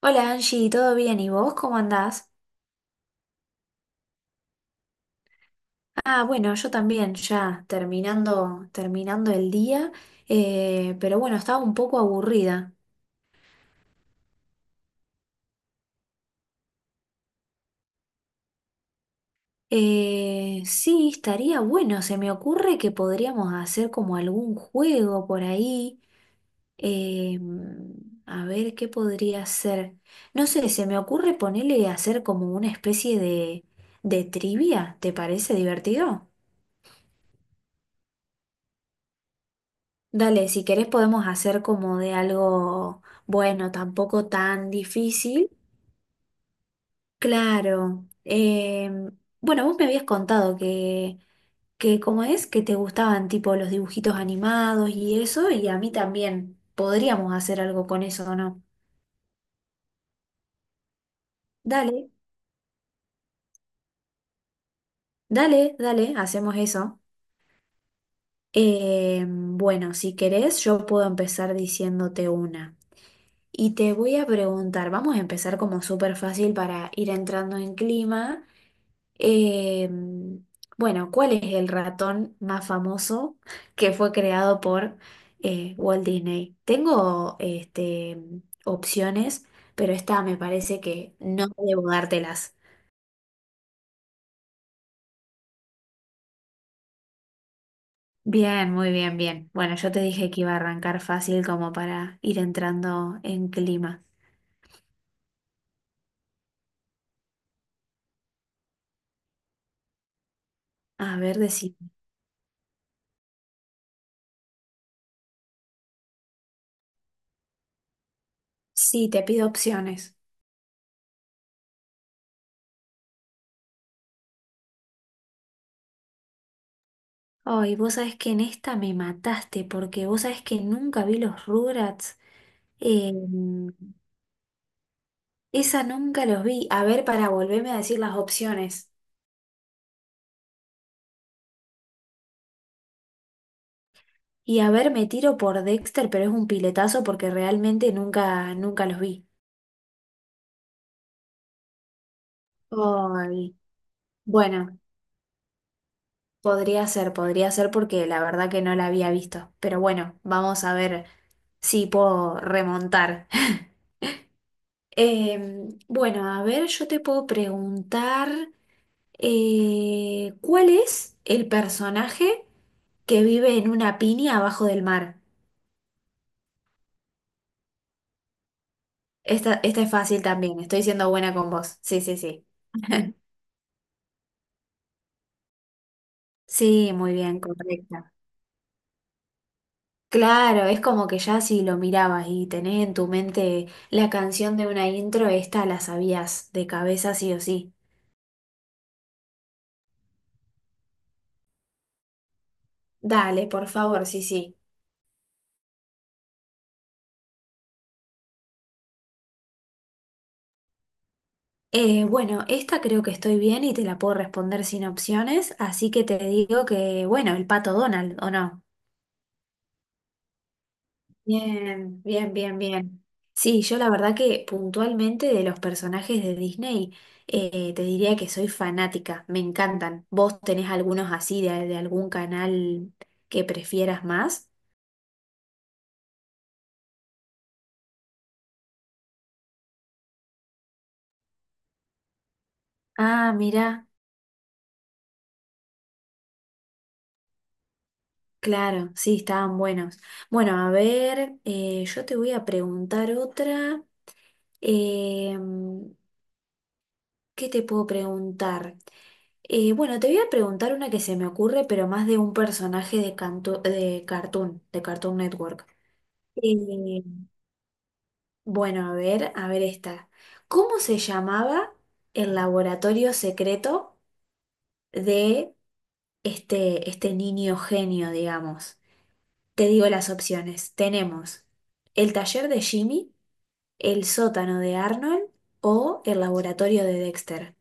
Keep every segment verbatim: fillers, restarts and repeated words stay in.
Hola Angie, ¿todo bien? ¿Y vos cómo andás? Ah, bueno, yo también, ya terminando, terminando el día, eh, pero bueno, estaba un poco aburrida. Eh, sí, estaría bueno, se me ocurre que podríamos hacer como algún juego por ahí. eh, a ver, ¿qué podría ser? No sé, se me ocurre ponerle a hacer como una especie de, de trivia, ¿te parece divertido? Dale, si querés podemos hacer como de algo bueno, tampoco tan difícil. Claro. Em, bueno, vos me habías contado que, que como es, que te gustaban tipo los dibujitos animados y eso, y a mí también podríamos hacer algo con eso, ¿o no? Dale, dale, dale, hacemos eso. Em, bueno, si querés, yo puedo empezar diciéndote una. Y te voy a preguntar, vamos a empezar como súper fácil para ir entrando en clima. Em, bueno, ¿cuál es el ratón más famoso que fue creado por eh, Walt Disney? Tengo este, opciones, pero esta me parece que no debo dártelas. Bien, muy bien, bien. Bueno, yo te dije que iba a arrancar fácil como para ir entrando en clima. A ver, decime. Sí, te pido opciones. Ay, vos sabés que en esta me mataste porque vos sabés que nunca vi los Rugrats. Em, Esa nunca los vi. A ver, para volverme a decir las opciones. Y a ver, me tiro por Dexter, pero es un piletazo porque realmente nunca, nunca los vi. Ay, bueno, podría ser, podría ser porque la verdad que no la había visto. Pero bueno, vamos a ver si puedo remontar. Em, bueno, a ver, yo te puedo preguntar, eh, ¿cuál es el personaje que vive en una piña abajo del mar? Esta, esta es fácil también, estoy siendo buena con vos. Sí, sí, sí. Sí, muy bien, correcta. Claro, es como que ya si lo mirabas y tenés en tu mente la canción de una intro, esta la sabías de cabeza sí o sí. Dale, por favor, sí, sí. Eh, bueno, esta creo que estoy bien y te la puedo responder sin opciones, así que te digo que, bueno, el pato Donald, ¿o no? Bien, bien, bien, bien. Sí, yo la verdad que puntualmente de los personajes de Disney eh, te diría que soy fanática, me encantan. ¿Vos tenés algunos así de, de algún canal que prefieras más? Ah, mira claro, sí, estaban buenos. Bueno, a ver, eh, yo te voy a preguntar otra. Em, ¿Qué te puedo preguntar? Eh, bueno, te voy a preguntar una que se me ocurre, pero más de un personaje de, cantu- de Cartoon, de Cartoon Network. Eh, bueno, a ver, a ver esta. ¿Cómo se llamaba el laboratorio secreto de este, este niño genio, digamos? Te digo las opciones. Tenemos el taller de Jimmy, el sótano de Arnold o el laboratorio de Dexter.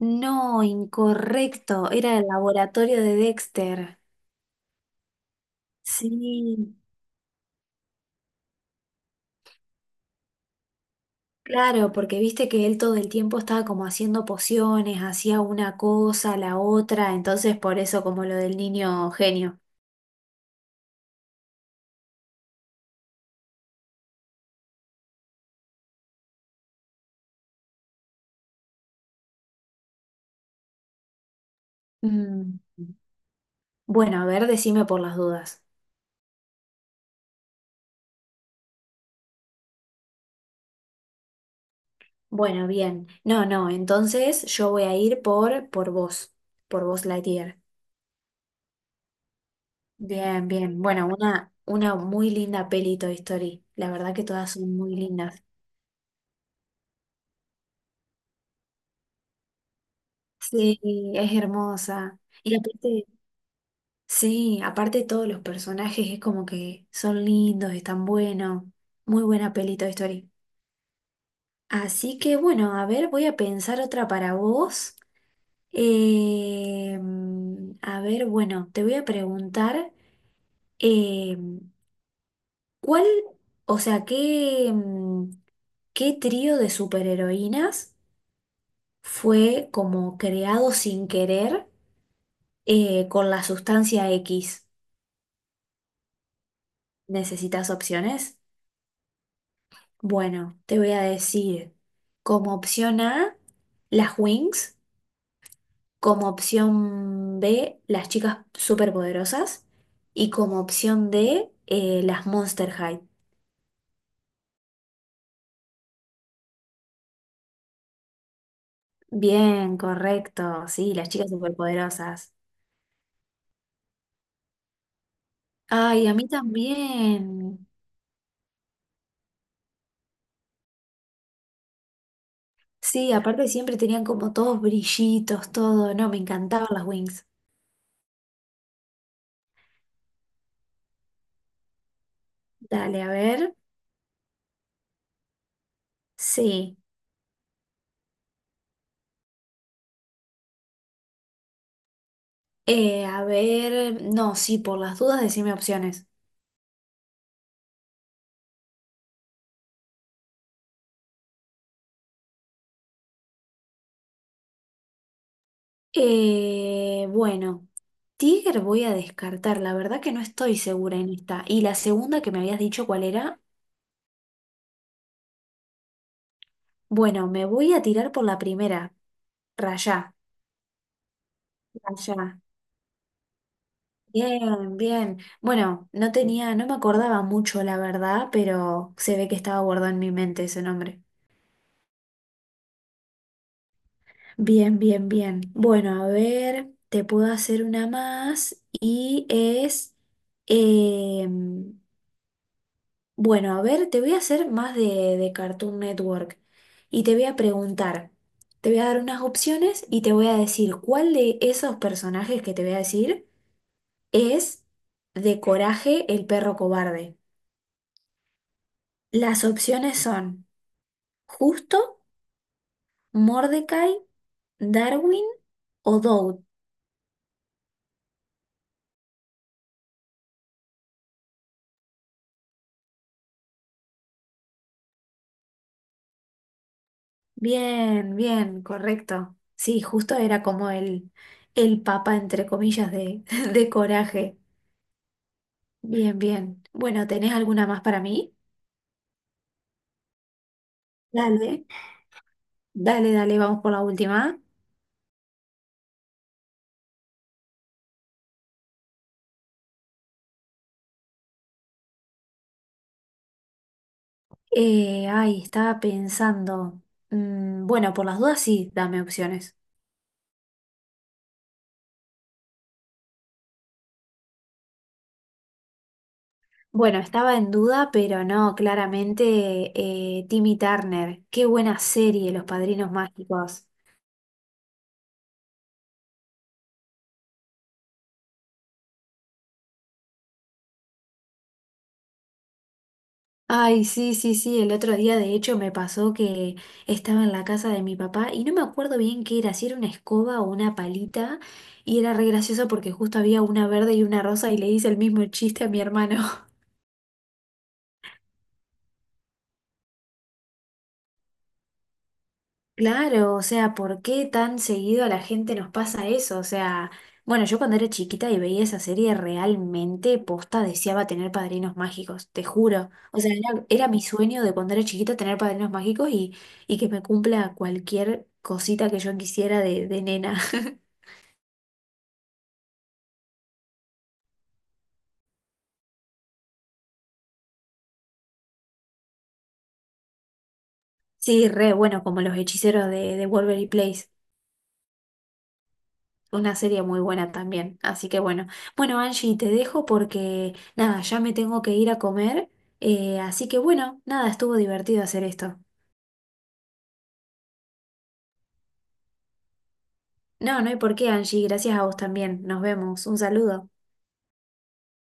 No, incorrecto, era el laboratorio de Dexter. Sí. Claro, porque viste que él todo el tiempo estaba como haciendo pociones, hacía una cosa, la otra, entonces por eso como lo del niño genio. Mm. Bueno, a ver, decime por las dudas. Bueno, bien. No, no, entonces yo voy a ir por, por vos, por vos Lightyear. Bien, bien. Bueno, una, una muy linda peli Toy Story. La verdad que todas son muy lindas. Sí, es hermosa. Y aparte sí, aparte todos los personajes es como que son lindos, están buenos. Muy buena peli Toy Story. Así que bueno, a ver, voy a pensar otra para vos. Eh, mm, a ver, bueno, te voy a preguntar, eh, ¿cuál, o sea, qué, mm, qué trío de superheroínas fue como creado sin querer eh, con la sustancia X? ¿Necesitas opciones? Bueno, te voy a decir como opción A, las Wings, como opción B, las chicas superpoderosas y como opción D, eh, las Monster High. Bien, correcto, sí, las chicas superpoderosas. Ay, a mí también. Sí, aparte siempre tenían como todos brillitos, todo, no, me encantaban las Wings. Dale, a ver. Sí. Eh, a ver, no, sí, por las dudas, decime opciones. Eh, bueno, Tiger voy a descartar, la verdad que no estoy segura en esta. Y la segunda que me habías dicho cuál era, bueno, me voy a tirar por la primera, Rayá, Rayá. Bien, bien. Bueno, no tenía, no me acordaba mucho la verdad, pero se ve que estaba guardado en mi mente ese nombre. Bien, bien, bien. Bueno, a ver, te puedo hacer una más y es, em, bueno, a ver, te voy a hacer más de, de Cartoon Network y te voy a preguntar, te voy a dar unas opciones y te voy a decir cuál de esos personajes que te voy a decir es de Coraje el perro cobarde. Las opciones son Justo, Mordecai, Darwin o Doud. Bien, bien, correcto. Sí, Justo era como el, el papa, entre comillas, de, de Coraje. Bien, bien. Bueno, ¿tenés alguna más para mí? Dale, dale, dale, vamos por la última. Eh, ay, estaba pensando. Mm, bueno, por las dudas sí, dame opciones. Bueno, estaba en duda, pero no, claramente eh, Timmy Turner. Qué buena serie, Los Padrinos Mágicos. Ay, sí, sí, sí, el otro día de hecho me pasó que estaba en la casa de mi papá y no me acuerdo bien qué era, si era una escoba o una palita, y era re gracioso porque justo había una verde y una rosa y le hice el mismo chiste a mi hermano. Claro, o sea, ¿por qué tan seguido a la gente nos pasa eso? O sea, bueno, yo cuando era chiquita y veía esa serie realmente posta deseaba tener padrinos mágicos, te juro. O sea, era, era mi sueño de cuando era chiquita tener padrinos mágicos y, y que me cumpla cualquier cosita que yo quisiera de, de nena. Sí, re bueno, como los hechiceros de, de Waverly Place. Una serie muy buena también, así que bueno. Bueno, Angie, te dejo porque nada, ya me tengo que ir a comer, eh, así que bueno, nada, estuvo divertido hacer esto. No, no hay por qué, Angie, gracias a vos también. Nos vemos, un saludo.